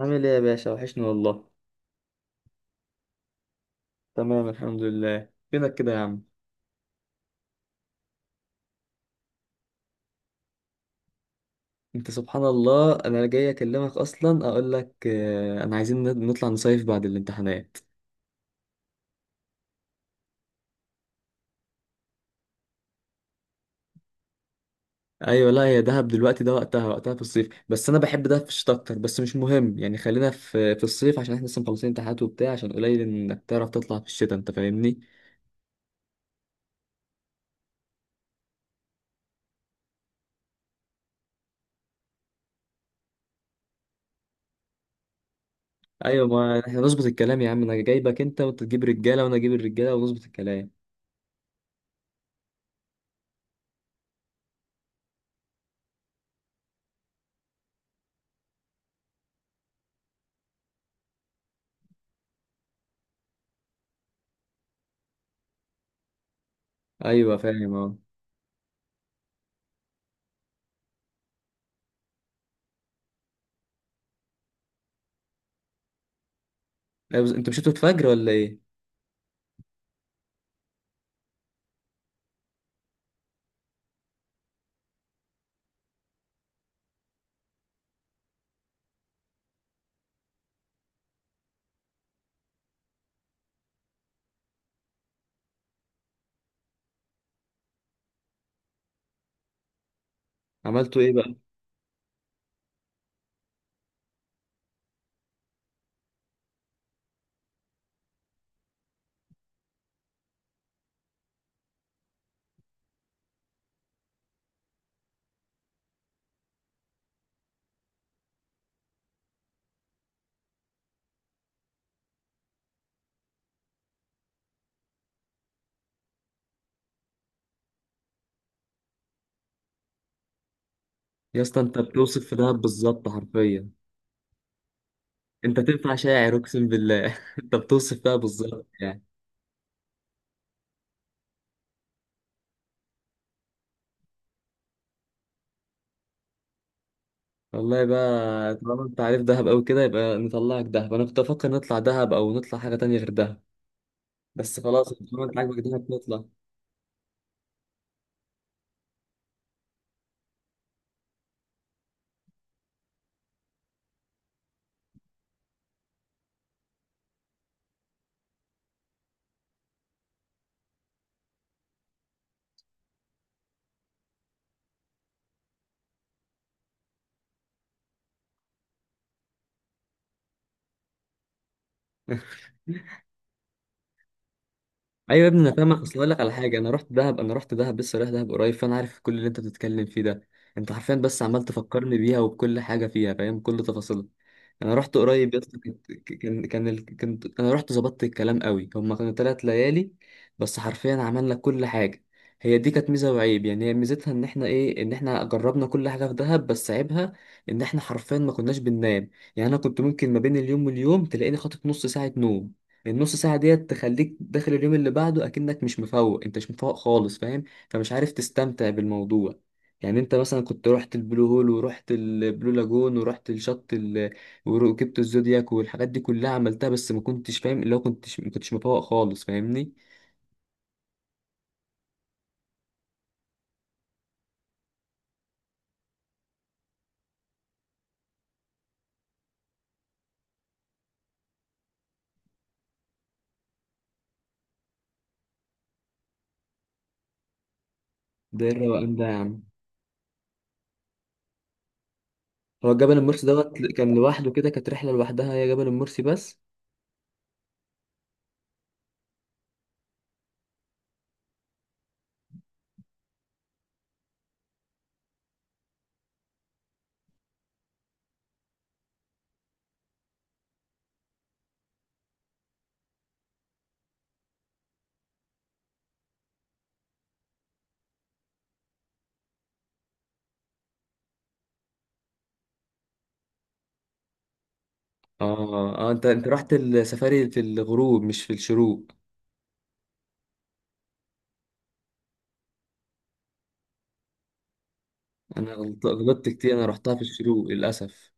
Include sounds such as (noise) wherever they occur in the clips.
عامل ايه يا باشا؟ وحشني والله. تمام الحمد لله. فينك كده يا عم؟ انت سبحان الله انا جاي اكلمك اصلا اقول لك انا عايزين نطلع نصيف بعد الامتحانات. ايوه لا هي دهب دلوقتي ده وقتها، وقتها في الصيف، بس انا بحب دهب في الشتاء اكتر، بس مش مهم يعني. خلينا في الصيف عشان احنا لسه مخلصين امتحانات وبتاع، عشان قليل انك تعرف تطلع في الشتاء، انت فاهمني؟ ايوه، ما احنا نظبط الكلام يا عم. انا جايبك انت، وانت تجيب رجاله، وانا اجيب الرجاله، ونظبط الكلام. ايوه فاهم اه. لا، بس انتوا مشيتوا الفجر ولا ايه؟ عملتوا ايه بقى؟ يا اسطى انت بتوصف في دهب بالظبط حرفيا. انت تنفع شاعر اقسم بالله (laughs) انت بتوصف فيها بالظبط يعني. والله بقى طالما انت عارف دهب قوي كده، يبقى نطلعك دهب. انا كنت افكر نطلع دهب او نطلع حاجه تانية غير دهب، بس خلاص طالما انت عاجبك دهب نطلع. ايوه يا ابني انا فاهمك، اصل اقول لك على حاجه، انا رحت دهب، انا رحت دهب لسه، رايح دهب قريب، فانا عارف كل اللي انت بتتكلم فيه ده. انت حرفيا بس عمال تفكرني بيها وبكل حاجه فيها، فاهم كل تفاصيلها. انا رحت قريب يا اسطى، كنت انا رحت ظبطت الكلام قوي. هما كانوا ثلاث ليالي بس، حرفيا عملنا كل حاجه. هي دي كانت ميزه وعيب، يعني هي ميزتها ان احنا ايه، ان احنا جربنا كل حاجه في دهب، بس عيبها ان احنا حرفيا ما كناش بننام. يعني انا كنت ممكن ما بين اليوم واليوم تلاقيني خاطف نص ساعه نوم. النص ساعة ديت تخليك داخل اليوم اللي بعده أكنك مش مفوق، أنت مش مفوق خالص فاهم. فمش عارف تستمتع بالموضوع. يعني أنت مثلا كنت رحت البلو هول ورحت البلو لاجون ورحت الشط. وركبت الزودياك والحاجات دي كلها عملتها، بس ما كنتش فاهم، اللي هو كنتش، ما كنتش مفوق خالص فاهمني. ده إيه الروقان ده يا عم؟ هو جبل المرسي دوت كان لوحده كده؟ كانت رحلة لوحدها هي، جبل المرسي بس؟ اه اه، انت انت رحت السفاري في الغروب مش في الشروق؟ انا غلطت كتير، انا رحتها في الشروق للاسف.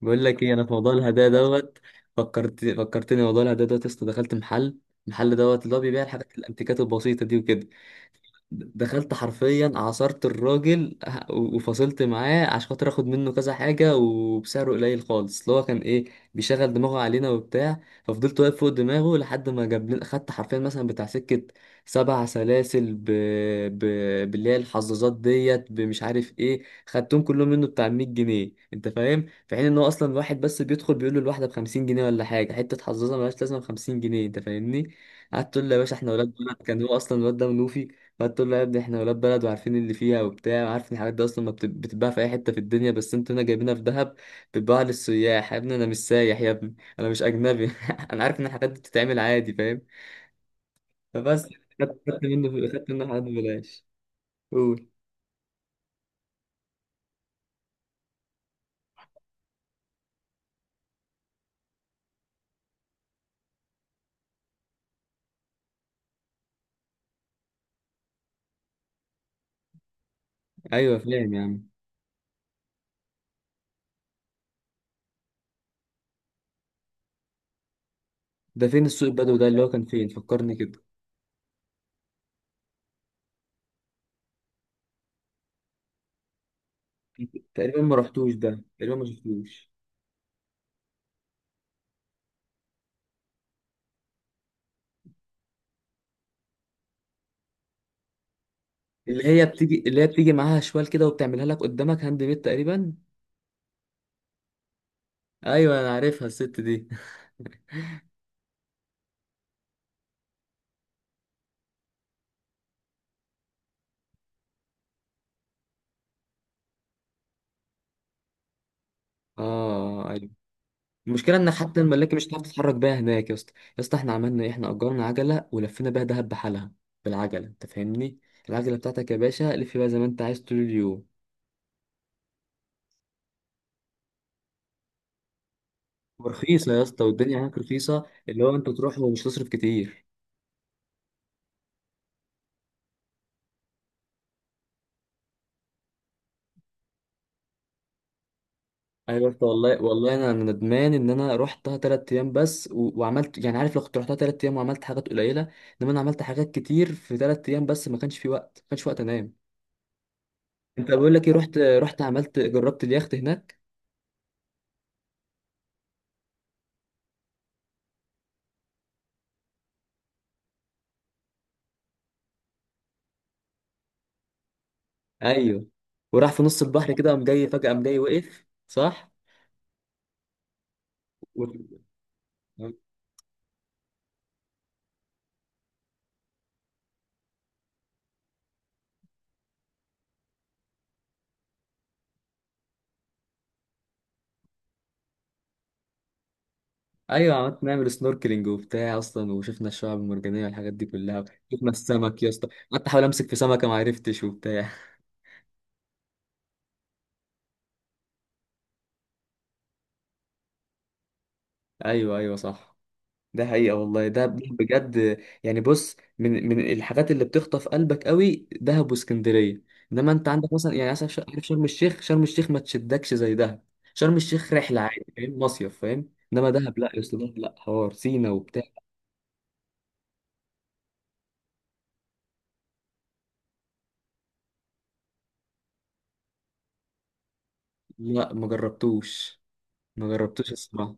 بقول لك ايه، انا في موضوع الهدايا دوت، فكرت، فكرتني موضوع الهدايا دوت يا اسطى. دخلت محل، المحل دوت اللي هو بيبيع الحاجات الانتيكات البسيطه دي وكده، دخلت حرفيا عصرت الراجل وفصلت معاه عشان خاطر اخد منه كذا حاجه وبسعره قليل خالص، اللي هو كان ايه، بيشغل دماغه علينا وبتاع. ففضلت واقف فوق دماغه لحد ما جاب لنا، خدت حرفيا مثلا بتاع سكه 7 سلاسل ب... باللي هي الحظاظات ديت بمش عارف ايه، خدتهم كلهم منه بتاع 100 جنيه انت فاهم، في حين ان هو اصلا واحد بس بيدخل بيقول له الواحده ب 50 جنيه ولا حاجه، حته حظاظه ملهاش لازمه ب 50 جنيه انت فاهمني. قعدت تقول له يا باشا احنا ولاد بلد، كان هو اصلا الواد ده منوفي، فتقول له يا ابني احنا ولاد بلد وعارفين اللي فيها وبتاع، عارف ان الحاجات دي اصلا ما بت- بتتباع في اي حته في الدنيا، بس انتوا هنا جايبينها في دهب بتتباع للسياح. يا ابني انا مش سايح، يا ابني انا مش اجنبي (laughs) انا عارف ان الحاجات دي بتتعمل عادي فاهم. فبس. خدت منه حاجات ببلاش. قول. ايوه فاهم يا عم. ده فين السوق البدوي ده، اللي هو كان فين؟ فكرني كده. تقريبا ما رحتوش ده، تقريبا ما شفتوش. اللي هي بتيجي، اللي هي بتيجي معاها شوال كده وبتعملها لك قدامك هاند ميد تقريبا. ايوه انا عارفها الست دي. (laughs) اه. المشكله ان حتى الملاكي مش هتعرف تتحرك بيها هناك يا اسطى. يا اسطى احنا عملنا ايه، احنا اجرنا عجله ولفينا بيها دهب بحالها، بالعجله انت فاهمني. العجله بتاعتك يا باشا لف بيها زي ما انت عايز طول اليوم. ورخيصه يا اسطى، والدنيا هناك رخيصه، اللي هو انت تروح ومش تصرف كتير. ايوه يا اسطى، والله والله انا أنا ندمان ان انا رحتها تلات ايام بس، وعملت يعني، عارف لو كنت رحتها تلات ايام وعملت حاجات قليله، انما انا عملت حاجات كتير في تلات ايام بس، ما كانش في وقت، ما كانش وقت انام. انت بقول لك ايه، رحت عملت، جربت اليخت هناك. ايوه. وراح في نص البحر كده، قام جاي فجأة، قام جاي وقف صح. و... ايوه عملت، نعمل سنوركلينج وبتاع اصلا، وشفنا الشعب المرجانيه والحاجات دي كلها. شفنا السمك يا اسطى، قعدت احاول امسك في سمكه ما عرفتش وبتاع (laughs) ايوه ايوه صح. ده حقيقه والله ده بجد. يعني بص، من الحاجات اللي بتخطف قلبك قوي دهب واسكندريه. انما انت عندك مثلا، يعني مثلا عارف شرم الشيخ، شرم الشيخ ما تشدكش زي دهب. شرم الشيخ رحله عادي فاهم، مصيف فاهم، انما دهب لا يا اسطى، دهب لا، حوار سينا وبتاع. لا ما جربتوش، ما جربتوش الصراحة.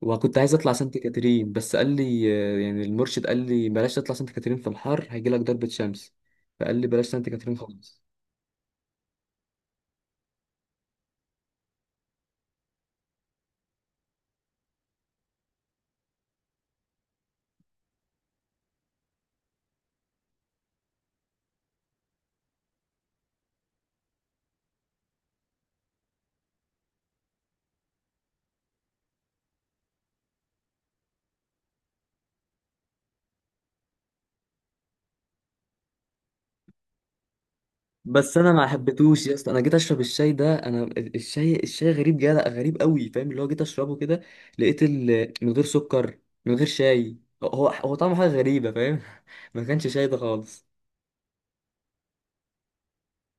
وكنت عايز اطلع سانت كاترين بس قال لي، يعني المرشد قال لي بلاش تطلع سانت كاترين في الحر هيجي لك ضربة شمس، فقال لي بلاش سانت كاترين خالص. بس انا ما حبيتهوش يا اسطى، انا جيت اشرب الشاي ده، انا الشاي، الشاي غريب جدا، غريب قوي فاهم، اللي هو جيت اشربه كده، لقيت من غير سكر، من غير شاي، هو هو طعمه حاجة غريبة فاهم. (laughs) ما كانش شاي ده خالص.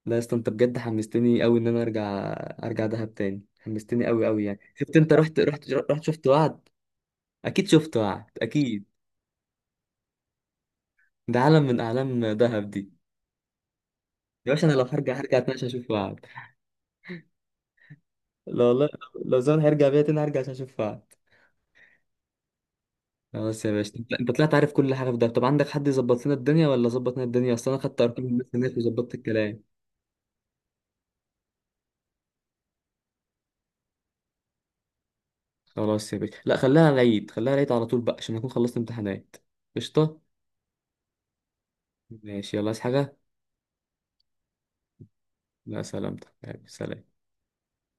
لا يا اسطى انت بجد حمستني قوي ان انا ارجع، ارجع دهب تاني. حمستني قوي قوي يعني، شفت انت رحت شفت وعد. اكيد شفت وعد اكيد. ده عالم من اعلام دهب دي. يا باشا انا لو هرجع هرجع تاني عشان اشوف وعد، لو والله، لو زمان هيرجع بيا تاني هرجع عشان اشوف وعد. خلاص يا باشا، انت انت طلعت عارف كل حاجه في دهب، طب عندك حد يظبط لنا الدنيا، ولا ظبط لنا الدنيا، اصل انا خدت ارقام الناس هناك وظبطت الكلام. خلاص يا باشا، لا خليها العيد، خليها العيد على طول بقى عشان اكون خلصت امتحانات. قشطه. ماشي يلا، عايز حاجه؟ لا سلامتك، سلام.